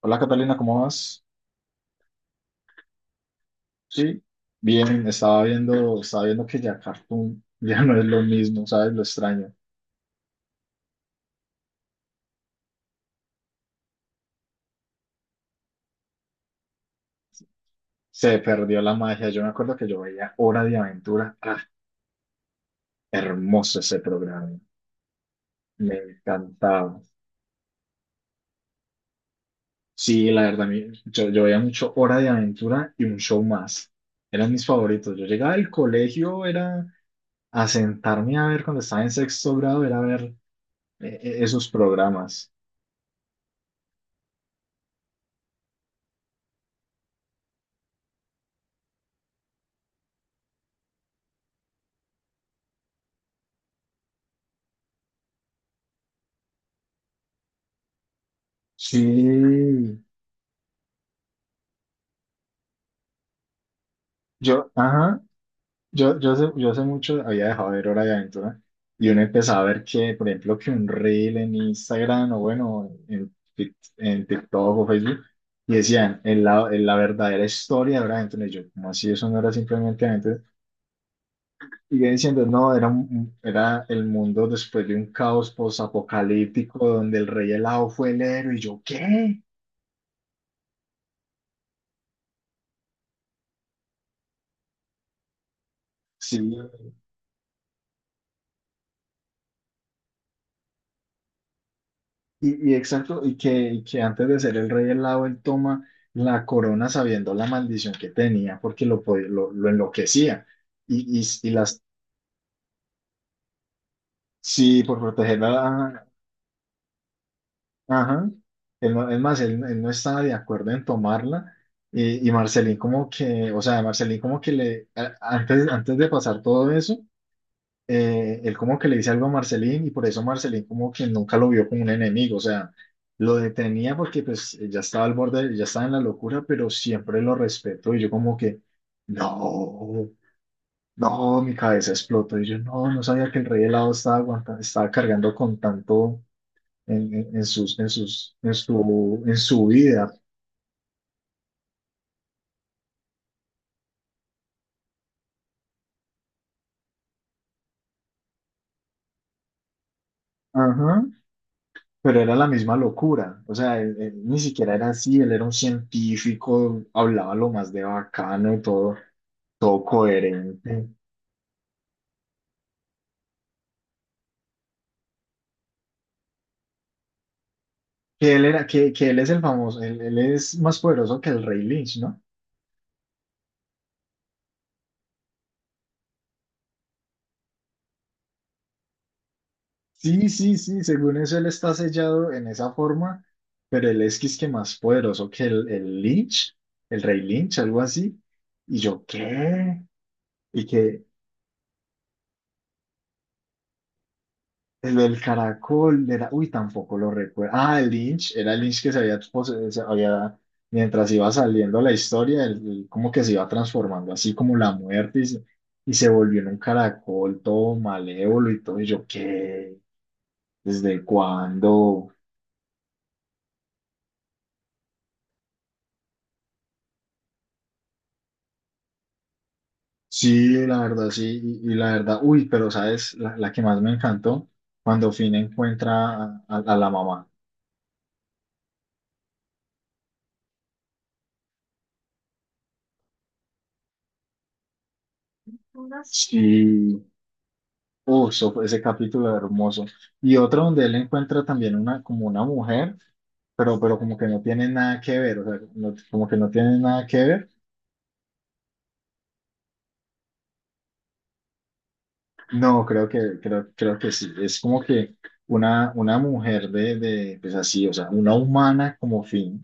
Hola Catalina, ¿cómo vas? Sí, bien, estaba viendo que ya Cartoon ya no es lo mismo, ¿sabes? Lo extraño. Se perdió la magia. Yo me acuerdo que yo veía Hora de Aventura. ¡Ah, hermoso ese programa! Me encantaba. Sí, la verdad, yo veía mucho Hora de Aventura y un show más. Eran mis favoritos. Yo llegaba al colegio, era a sentarme a ver cuando estaba en sexto grado, era ver esos programas. Sí, yo, ajá. Yo hace mucho había dejado de ver Hora de Aventura y uno empezaba a ver que, por ejemplo, que un reel en Instagram o bueno, en TikTok o Facebook y decían en la verdadera historia de Hora de Aventura. Y yo, como así? Eso no era simplemente Aventura. Y yo diciendo, no, era el mundo después de un caos posapocalíptico donde el rey helado fue el héroe. Y yo, ¿qué? Sí, y exacto, y que antes de ser el rey helado, él toma la corona sabiendo la maldición que tenía, porque lo enloquecía. Y las, sí, por protegerla, ajá. Él es más, él no estaba de acuerdo en tomarla. Y Marcelín como que, o sea, Marcelín como que antes de pasar todo eso, él como que le dice algo a Marcelín y por eso Marcelín como que nunca lo vio como un enemigo, o sea, lo detenía porque pues ya estaba al borde, ya estaba en la locura, pero siempre lo respetó y yo como que, no, no, mi cabeza explotó y yo no, no sabía que el rey helado estaba aguantando, estaba cargando con tanto en su vida. Ajá. Pero era la misma locura, o sea, él ni siquiera era así, él era un científico, hablaba lo más de bacano y todo, todo coherente. Que él es el famoso, él es más poderoso que el Rey Lynch, ¿no? Sí, sí, sí, según eso él está sellado en esa forma, pero él es que más poderoso que el Lynch, el Rey Lynch, algo así. Y yo, ¿qué? Y que, el del caracol era, uy, tampoco lo recuerdo. Ah, el Lynch, era el Lynch que se había, mientras iba saliendo la historia, como que se iba transformando, así como la muerte, y se volvió en un caracol todo malévolo y todo. Y yo, ¿qué? ¿Desde cuándo? Sí, la verdad, sí, y la verdad, uy, pero ¿sabes? La que más me encantó, cuando Finn encuentra a, a la mamá. Sí, ese capítulo hermoso. Y otro donde él encuentra también una, como una mujer, pero como que no tiene nada que ver, o sea, como que no tiene nada que ver. No, creo que sí. Es como que una mujer pues así, o sea, una humana como fin.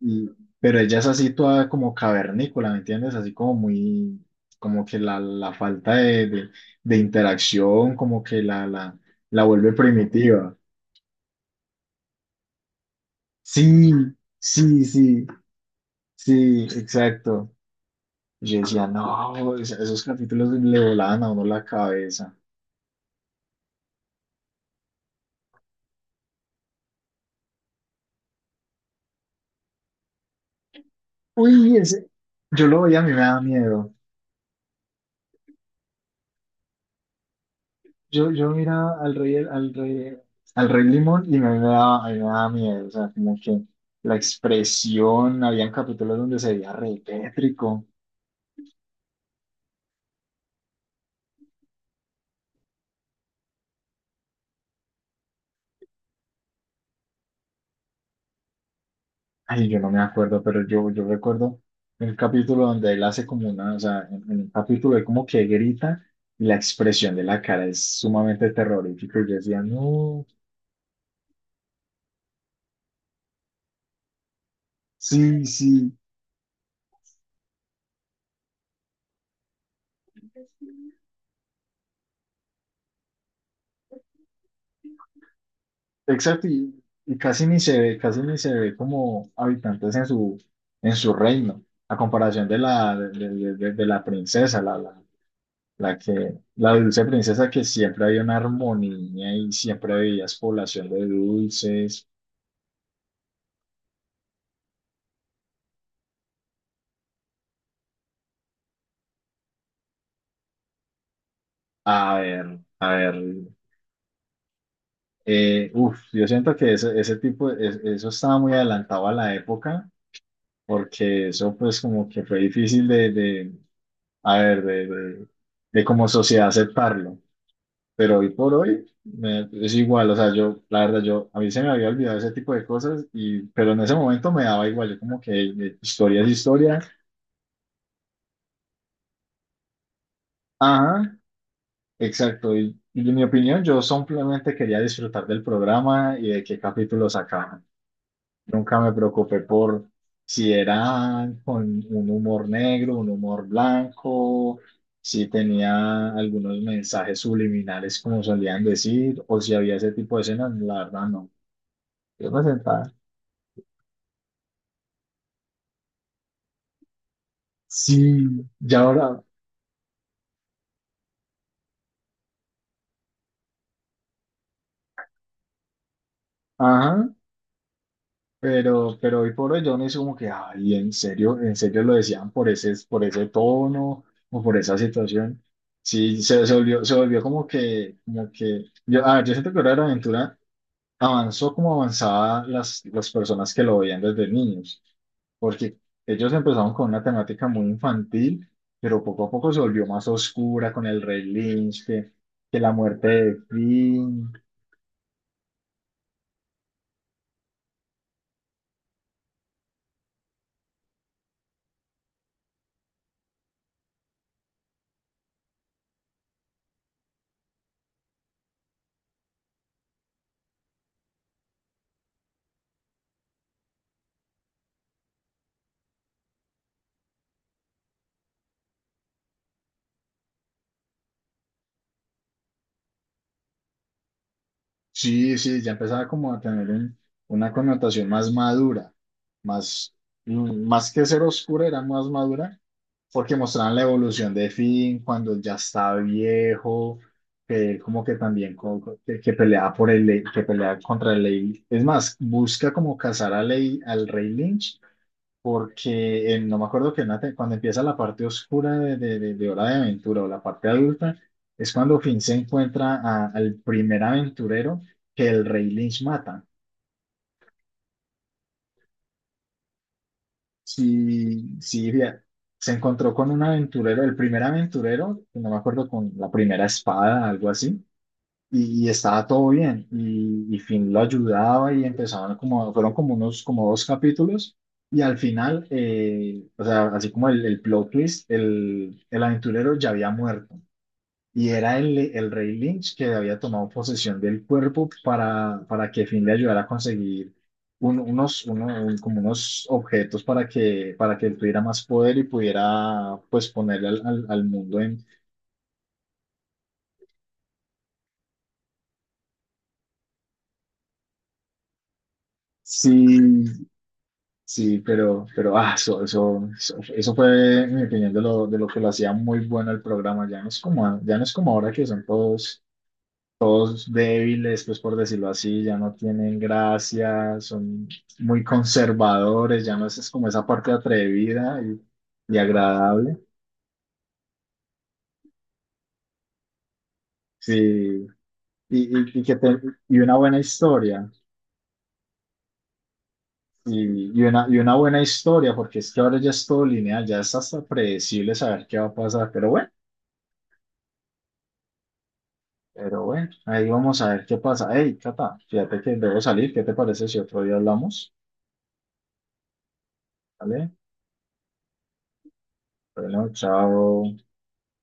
Y, pero ella es así toda como cavernícola, ¿me entiendes? Así como muy, como que la falta de interacción, como que la, la vuelve primitiva. Sí, sí, sí. Sí, exacto. Y yo decía, no, esos capítulos le volaban a uno la cabeza. Uy, ese, yo lo veía, a mí me daba miedo. Yo miraba al rey Limón y a mí me daba miedo. O sea, como que la expresión, habían capítulos donde se veía re tétrico. Ay, yo no me acuerdo, pero yo recuerdo el capítulo donde él hace como una, o sea, en un capítulo él como que grita y la expresión de la cara es sumamente terrorífica. Y yo decía, no. Sí, sí, exacto, y casi ni se ve, casi ni se ve como habitantes en su reino, a comparación de la princesa, la que, la dulce princesa que siempre había una armonía y siempre había población de dulces. A ver, uf, yo siento que ese tipo, eso estaba muy adelantado a la época, porque eso pues como que fue difícil a ver, de como sociedad aceptarlo. Pero hoy por hoy es igual, o sea, yo, la verdad, yo, a mí se me había olvidado ese tipo de cosas, y, pero en ese momento me daba igual, yo como que historia es historia. Ajá, exacto, y en mi opinión, yo simplemente quería disfrutar del programa y de qué capítulo sacaban. Nunca me preocupé por si era con un humor negro, un humor blanco, si tenía algunos mensajes subliminales, como solían decir, o si había ese tipo de escenas, la verdad no. Yo me sentaba. Sí, ya ahora, ajá, pero hoy por hoy yo me hice como que, ay, en serio lo decían por ese tono o por esa situación. Sí, se volvió como que, yo, a ver, yo siento que Hora de Aventura avanzó como avanzaban las personas que lo veían desde niños, porque ellos empezaron con una temática muy infantil, pero poco a poco se volvió más oscura con el Rey Lynch, que la muerte de Finn. Sí, sí, ya empezaba como a tener una connotación más madura, más, mm, más que ser oscura, era más madura porque mostraban la evolución de Finn cuando ya está viejo, que él como que también que pelea por el que pelea contra el Ley. Es más, busca como cazar a Ley, al Rey Lynch, porque no me acuerdo que en la cuando empieza la parte oscura de Hora de Aventura o la parte adulta, es cuando Finn se encuentra al primer aventurero que el Rey Lynch mata. Sí, sí, bien. Se encontró con un aventurero, el primer aventurero, no me acuerdo, con la primera espada, algo así, y estaba todo bien, y Finn lo ayudaba y empezaban como, fueron como unos, como dos capítulos, y al final, o sea, así como el plot twist, el aventurero ya había muerto. Y era el rey Lynch que había tomado posesión del cuerpo para que fin le ayudara a conseguir como unos objetos para que él tuviera más poder y pudiera pues ponerle al mundo en... Sí, sí, pero ah, eso fue, en mi opinión, de lo que lo hacía muy bueno el programa. Ya no es como, ya no es como ahora que son todos débiles, pues por decirlo así, ya no tienen gracia, son muy conservadores, ya no es, es como esa parte atrevida y agradable. Sí, y, y una buena historia, y una buena historia, porque es que ahora ya es todo lineal, ya es hasta predecible saber qué va a pasar, pero bueno, ahí vamos a ver qué pasa. Hey, Cata, fíjate que debo salir, ¿qué te parece si otro día hablamos? ¿Vale? Bueno, chao.